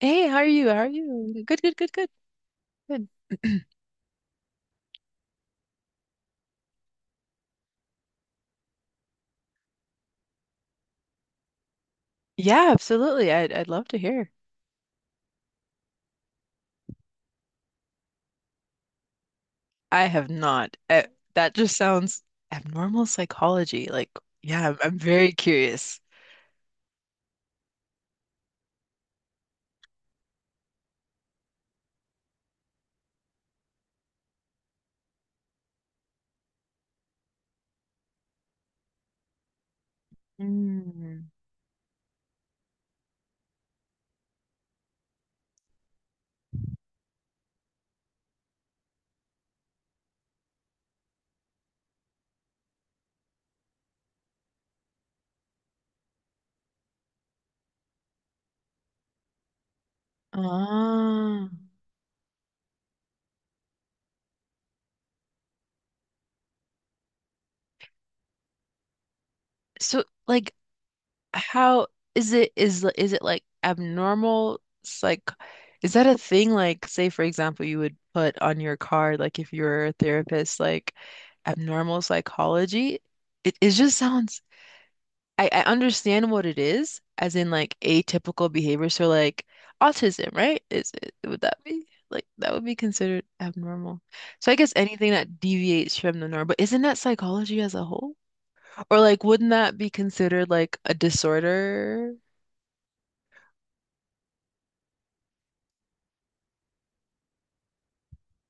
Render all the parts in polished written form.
Hey, how are you? How are you? Good, good, good, good, good. Yeah, absolutely. I'd love to hear. I have not. That just sounds abnormal psychology. Like, yeah, I'm very curious. Mm. Ah. So, like, how is it? Is it like abnormal psych? Is that a thing? Like, say for example, you would put on your card, like if you're a therapist, like abnormal psychology. It just sounds. I understand what it is, as in like atypical behavior. So like autism, right? Is it would that be like that would be considered abnormal? So I guess anything that deviates from the norm, but isn't that psychology as a whole? Or like wouldn't that be considered like a disorder?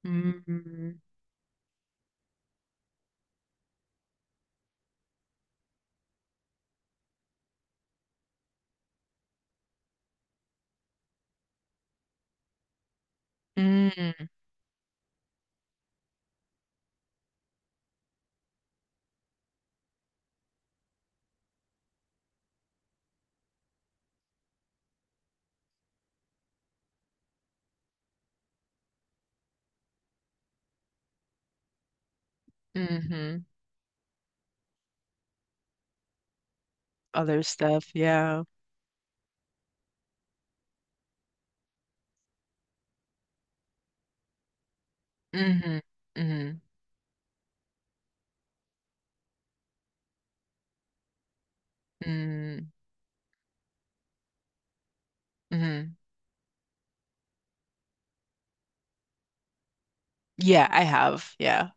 Mm-hmm. Mm-hmm. Mm-hmm. Other stuff, yeah. Mm-hmm. Mm-hmm. Mm-hmm. Mm-hmm. Yeah, I have. Yeah.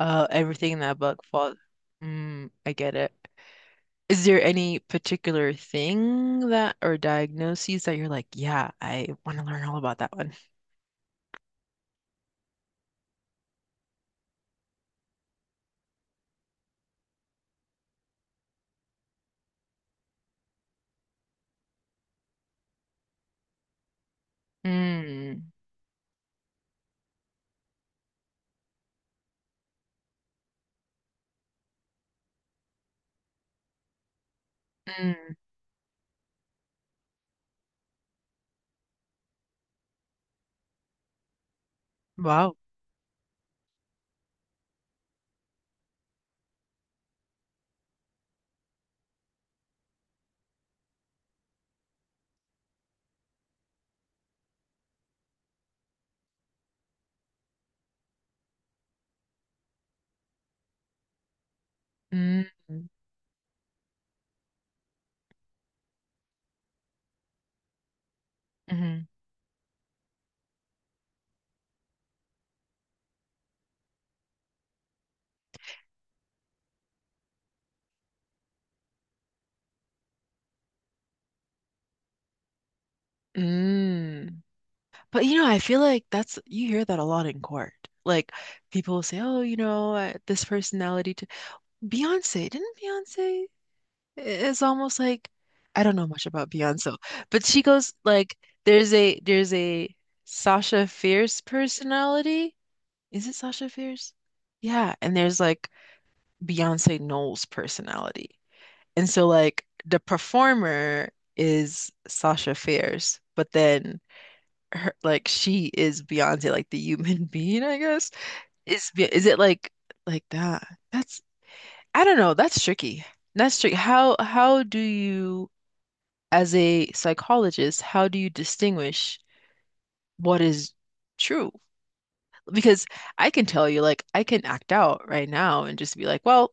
Everything in that book falls. Mm, I get it. Is there any particular thing that or diagnoses that you're like, yeah, I want to learn all about that one? Mm, mm, wow. Mm, mm, mm. But you know, I feel like that's you hear that a lot in court. Like people will say, oh, you know, this personality. T Beyonce, didn't Beyonce? It's almost like I don't know much about Beyonce, but she goes like, there's a Sasha Fierce personality. Is it Sasha Fierce? Yeah, and there's like Beyonce Knowles personality. And so like the performer is Sasha Fierce, but then her like she is Beyonce, like the human being, I guess. Is it like that? That's I don't know, that's tricky. That's tricky. How do you as a psychologist, how do you distinguish what is true? Because I can tell you, like, I can act out right now and just be like, well,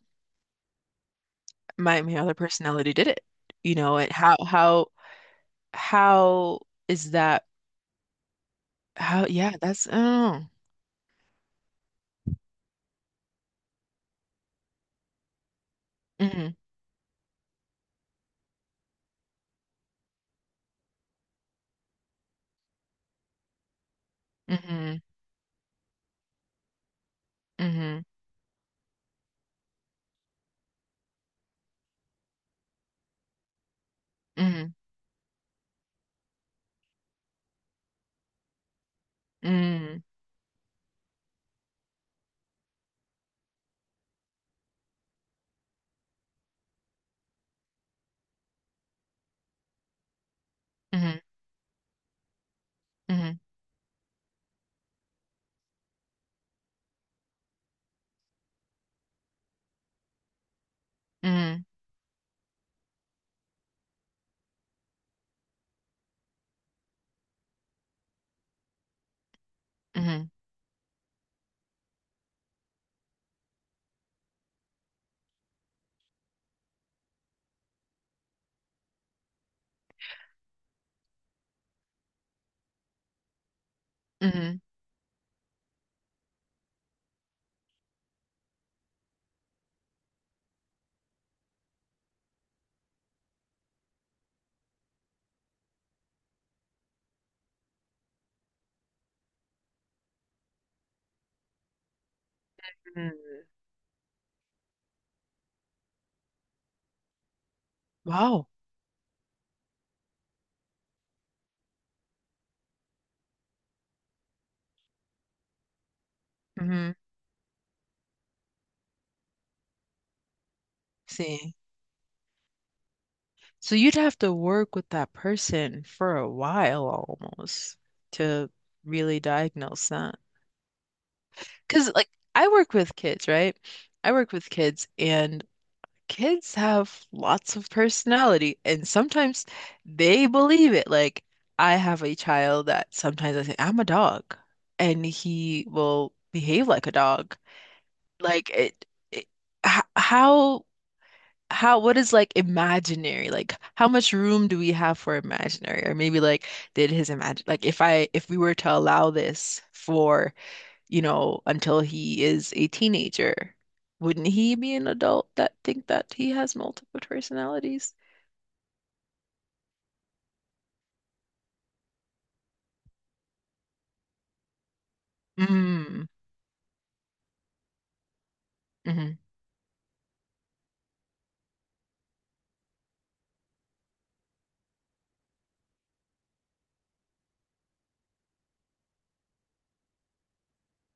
my other personality did it. You know, and how is that how yeah, that's oh. Mm-hmm. Mm-hmm. Mm-hmm. Mm-hmm. Mm-hmm. Mm-hmm. Mm-hmm. Mm-hmm. Mm-hmm. Mm-hmm, mm-hmm. Wow. Mm-hmm. See. So you'd have to work with that person for a while almost to really diagnose that. Because like I work with kids, right? I work with kids and kids have lots of personality and sometimes they believe it. Like I have a child that sometimes I say, I'm a dog, and he will behave like a dog. Like it h- how how what is like imaginary? Like how much room do we have for imaginary? Or maybe like did his imagine like if we were to allow this for you know, until he is a teenager. Wouldn't he be an adult that think that he has multiple personalities? Mm, mm-hmm,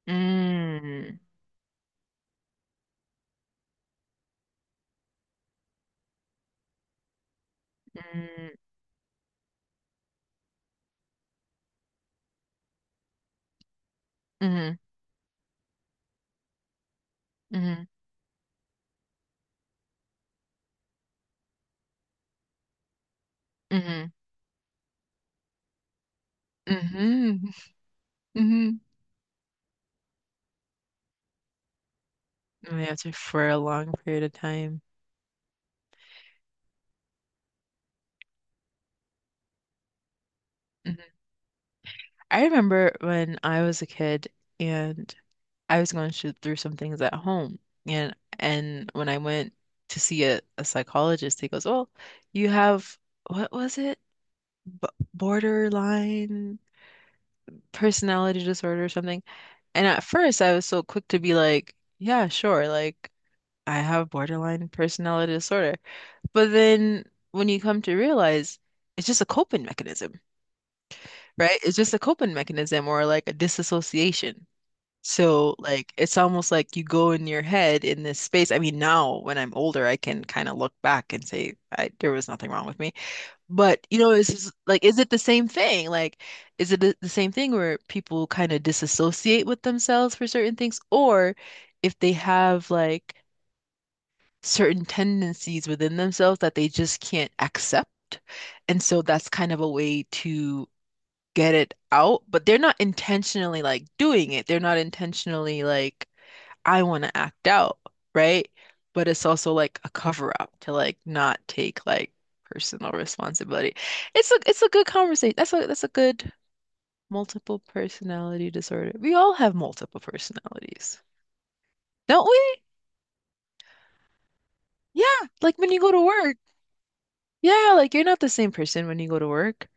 mm, mm, mm-hmm, mm-hmm, mm-hmm, mm-hmm, mm-hmm. After for a long period of time. Hmm. I remember when I was a kid and I was going through some things at home, and when I went to see a psychologist, he goes, "Oh, you have what was it? B borderline personality disorder or something." And at first, I was so quick to be like, yeah, sure, like I have borderline personality disorder. But then when you come to realize it's just a coping mechanism, right? It's just a coping mechanism or like a disassociation. So, like, it's almost like you go in your head in this space. I mean, now when I'm older, I can kind of look back and say, I, there was nothing wrong with me. But you know, it's just, like, is it the same thing? Like, is it the same thing where people kind of disassociate with themselves for certain things, or if they have like certain tendencies within themselves that they just can't accept, and so that's kind of a way to get it out, but they're not intentionally like doing it. They're not intentionally like I want to act out, right? But it's also like a cover up to like not take like personal responsibility. It's a good conversation. That's a good multiple personality disorder. We all have multiple personalities, don't we? Yeah, like when you go to work. Yeah, like you're not the same person when you go to work.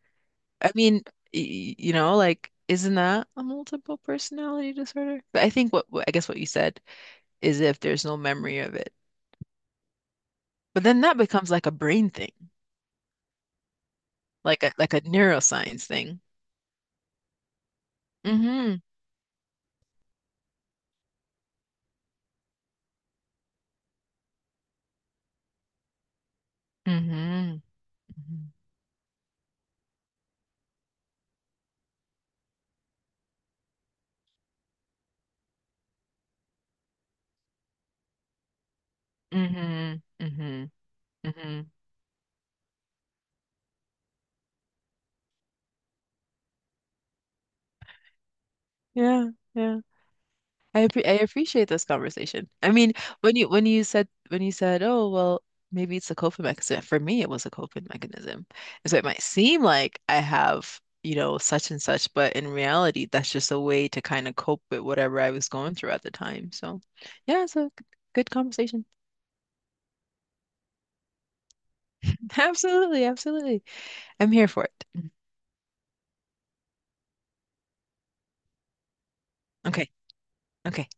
I mean, you know, like isn't that a multiple personality disorder? But I think I guess what you said is if there's no memory of it. But then that becomes like a brain thing. Like a like a neuroscience thing. Hmm. Hmm. Hmm. Hmm. Hmm. Yeah, yeah. I appreciate this conversation. I mean, when you said, "Oh, well, maybe it's a coping mechanism." For me, it was a coping mechanism. And so it might seem like I have, you know, such and such, but in reality, that's just a way to kind of cope with whatever I was going through at the time. So, yeah, good conversation. Absolutely, absolutely. I'm here for it. Okay. Okay.